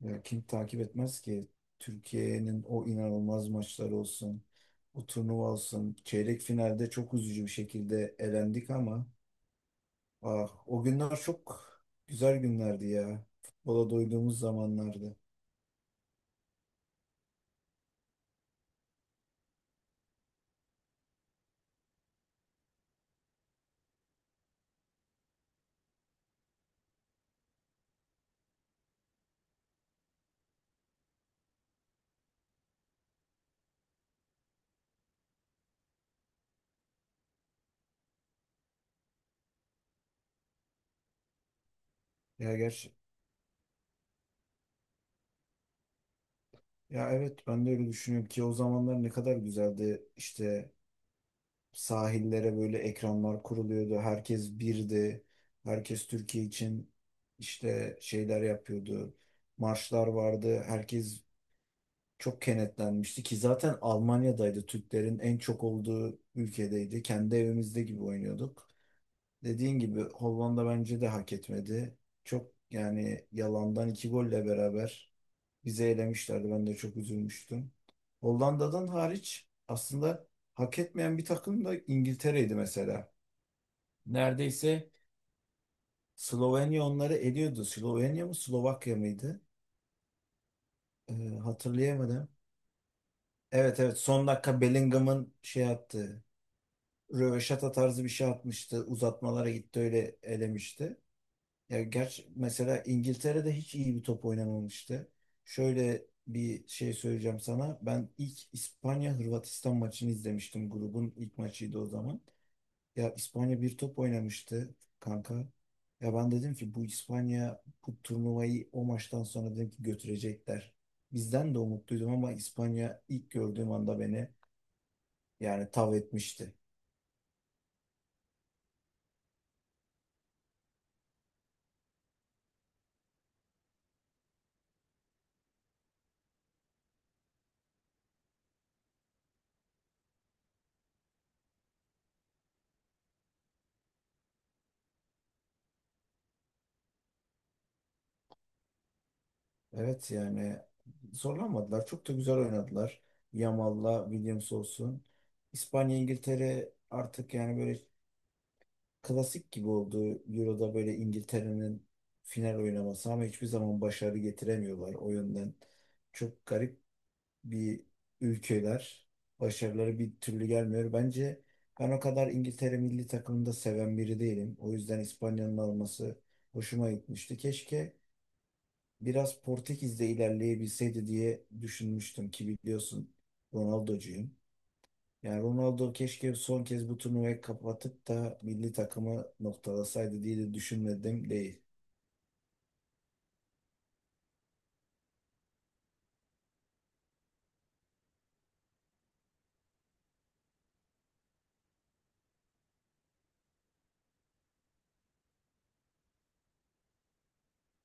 Ya kim takip etmez ki? Türkiye'nin o inanılmaz maçları olsun, o turnuva olsun. Çeyrek finalde çok üzücü bir şekilde elendik ama o günler çok güzel günlerdi ya. Futbola doyduğumuz zamanlardı. Ya gerçi ya evet ben de öyle düşünüyorum ki o zamanlar ne kadar güzeldi. İşte sahillere böyle ekranlar kuruluyordu. Herkes birdi. Herkes Türkiye için işte şeyler yapıyordu, marşlar vardı. Herkes çok kenetlenmişti ki zaten Almanya'daydı. Türklerin en çok olduğu ülkedeydi. Kendi evimizde gibi oynuyorduk. Dediğin gibi Hollanda bence de hak etmedi. Çok yani yalandan iki golle beraber bizi elemişlerdi. Ben de çok üzülmüştüm. Hollanda'dan hariç aslında hak etmeyen bir takım da İngiltere'ydi mesela. Neredeyse Slovenya onları eliyordu. Slovenya mı Slovakya mıydı? Ee, hatırlayamadım. Evet, evet, son dakika Bellingham'ın şey yaptı, röveşata tarzı bir şey atmıştı. Uzatmalara gitti, öyle elemişti. Ya gerçi mesela İngiltere'de hiç iyi bir top oynamamıştı. Şöyle bir şey söyleyeceğim sana. Ben ilk İspanya-Hırvatistan maçını izlemiştim. Grubun ilk maçıydı o zaman. Ya İspanya bir top oynamıştı kanka. Ya ben dedim ki bu İspanya bu turnuvayı, o maçtan sonra dedim ki götürecekler. Bizden de umutluydum ama İspanya ilk gördüğüm anda beni yani tav etmişti. Evet yani zorlanmadılar. Çok da güzel oynadılar. Yamal'la Williams olsun. İspanya, İngiltere artık yani böyle klasik gibi oldu. Euro'da böyle İngiltere'nin final oynaması ama hiçbir zaman başarı getiremiyorlar o yönden. Çok garip bir ülkeler. Başarıları bir türlü gelmiyor. Bence ben o kadar İngiltere milli takımını da seven biri değilim. O yüzden İspanya'nın alması hoşuma gitmişti. Keşke biraz Portekiz'de ilerleyebilseydi diye düşünmüştüm ki biliyorsun Ronaldo'cuyum. Yani Ronaldo keşke son kez bu turnuvayı kapatıp da milli takımı noktalasaydı diye de düşünmedim değil.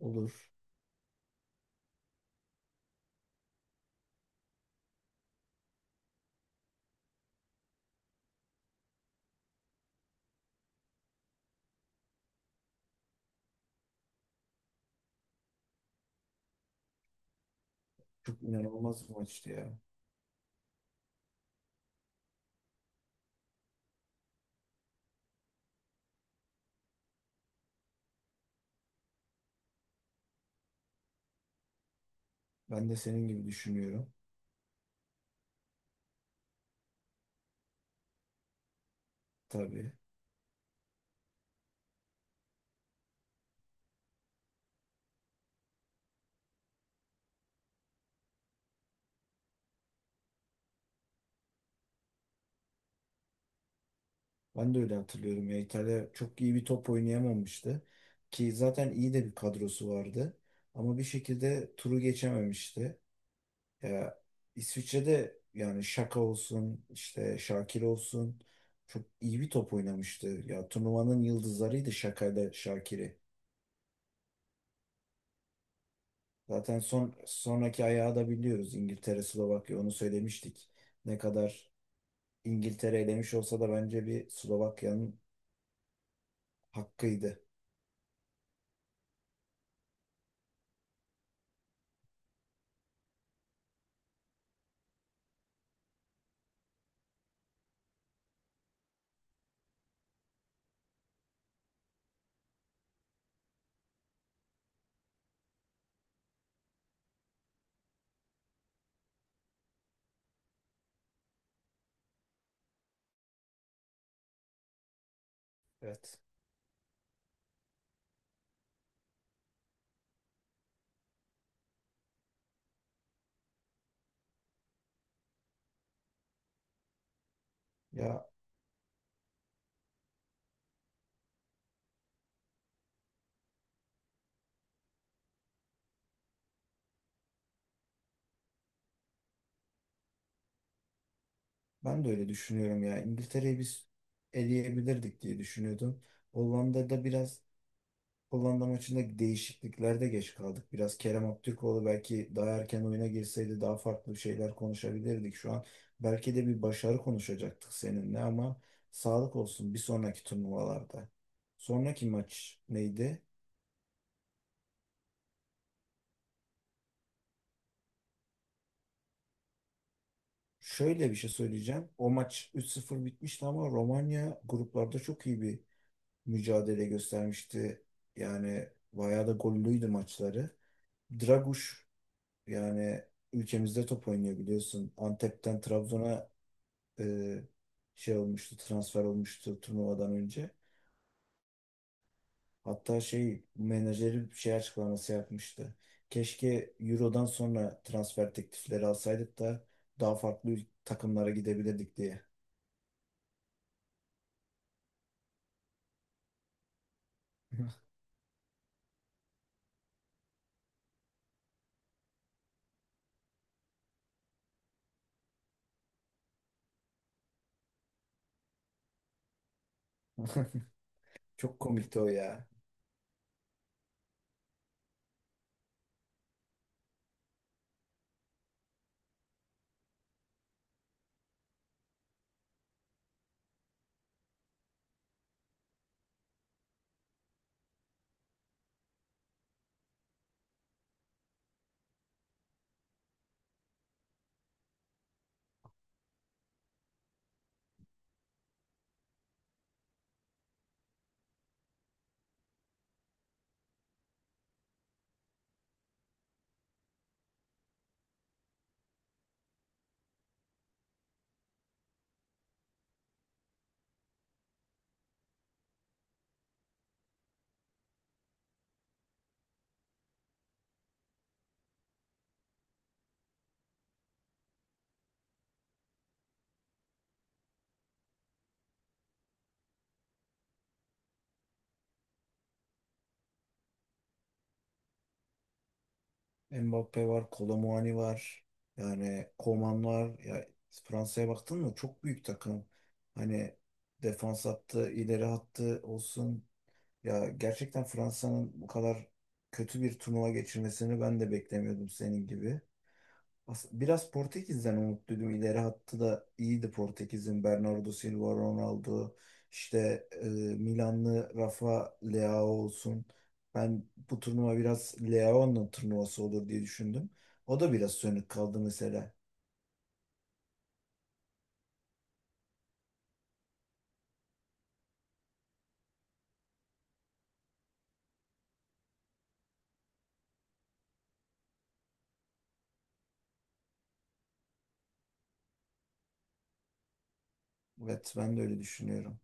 Olur. Çok inanılmaz bir maçtı ya. Ben de senin gibi düşünüyorum. Tabii. Ben de öyle hatırlıyorum ya. İtalya çok iyi bir top oynayamamıştı. Ki zaten iyi de bir kadrosu vardı. Ama bir şekilde turu geçememişti. Ya İsviçre'de yani Şaka olsun, işte Şakir olsun, çok iyi bir top oynamıştı. Ya turnuvanın yıldızlarıydı Şaka'yla Şakir'i. Zaten sonraki ayağı da biliyoruz. İngiltere, Slovakya, onu söylemiştik. Ne kadar İngiltere elemiş olsa da bence bir Slovakya'nın hakkıydı. Evet. Ya ben de öyle düşünüyorum ya. İngiltere'yi biz eleyebilirdik diye düşünüyordum. Hollanda'da biraz Hollanda maçında değişikliklerde geç kaldık. Biraz Kerem Aktürkoğlu belki daha erken oyuna girseydi daha farklı şeyler konuşabilirdik şu an. Belki de bir başarı konuşacaktık seninle ama sağlık olsun bir sonraki turnuvalarda. Sonraki maç neydi? Şöyle bir şey söyleyeceğim. O maç 3-0 bitmişti ama Romanya gruplarda çok iyi bir mücadele göstermişti. Yani bayağı da gollüydü maçları. Draguş yani ülkemizde top oynuyor biliyorsun. Antep'ten Trabzon'a e, transfer olmuştu turnuvadan önce. Hatta şey menajeri bir şey açıklaması yapmıştı. Keşke Euro'dan sonra transfer teklifleri alsaydık da daha farklı takımlara gidebilirdik diye. Çok komikti o ya. Mbappe var, Kolo var. Yani Koman var. Ya Fransa'ya baktın mı, çok büyük takım. Hani defans hattı, ileri hattı olsun, ya gerçekten Fransa'nın bu kadar kötü bir turnuva geçirmesini ben de beklemiyordum senin gibi. Biraz Portekiz'den umutluydum. İleri hattı da iyiydi Portekiz'in. Bernardo Silva, Ronaldo, işte Milanlı Rafa Leao olsun. Ben bu turnuva biraz Leao'nun turnuvası olur diye düşündüm. O da biraz sönük kaldı mesela. Evet, ben de öyle düşünüyorum.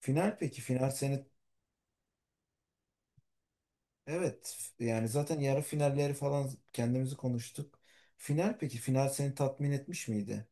Final peki? Final seni Evet yani zaten yarı finalleri falan kendimizi konuştuk. Final peki, final seni tatmin etmiş miydi?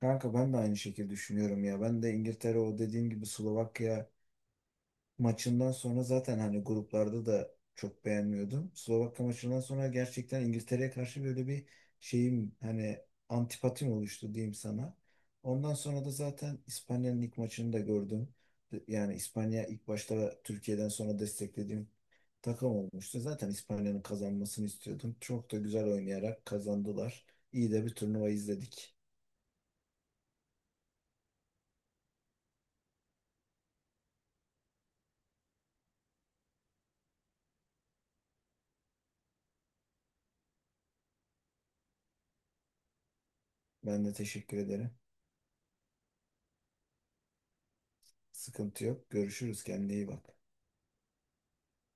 Kanka ben de aynı şekilde düşünüyorum ya. Ben de İngiltere o dediğim gibi Slovakya maçından sonra zaten hani gruplarda da çok beğenmiyordum. Slovakya maçından sonra gerçekten İngiltere'ye karşı böyle bir şeyim hani antipatim oluştu diyeyim sana. Ondan sonra da zaten İspanya'nın ilk maçını da gördüm. Yani İspanya ilk başta Türkiye'den sonra desteklediğim takım olmuştu. Zaten İspanya'nın kazanmasını istiyordum. Çok da güzel oynayarak kazandılar. İyi de bir turnuva izledik. Ben de teşekkür ederim. Sıkıntı yok. Görüşürüz. Kendine iyi bak.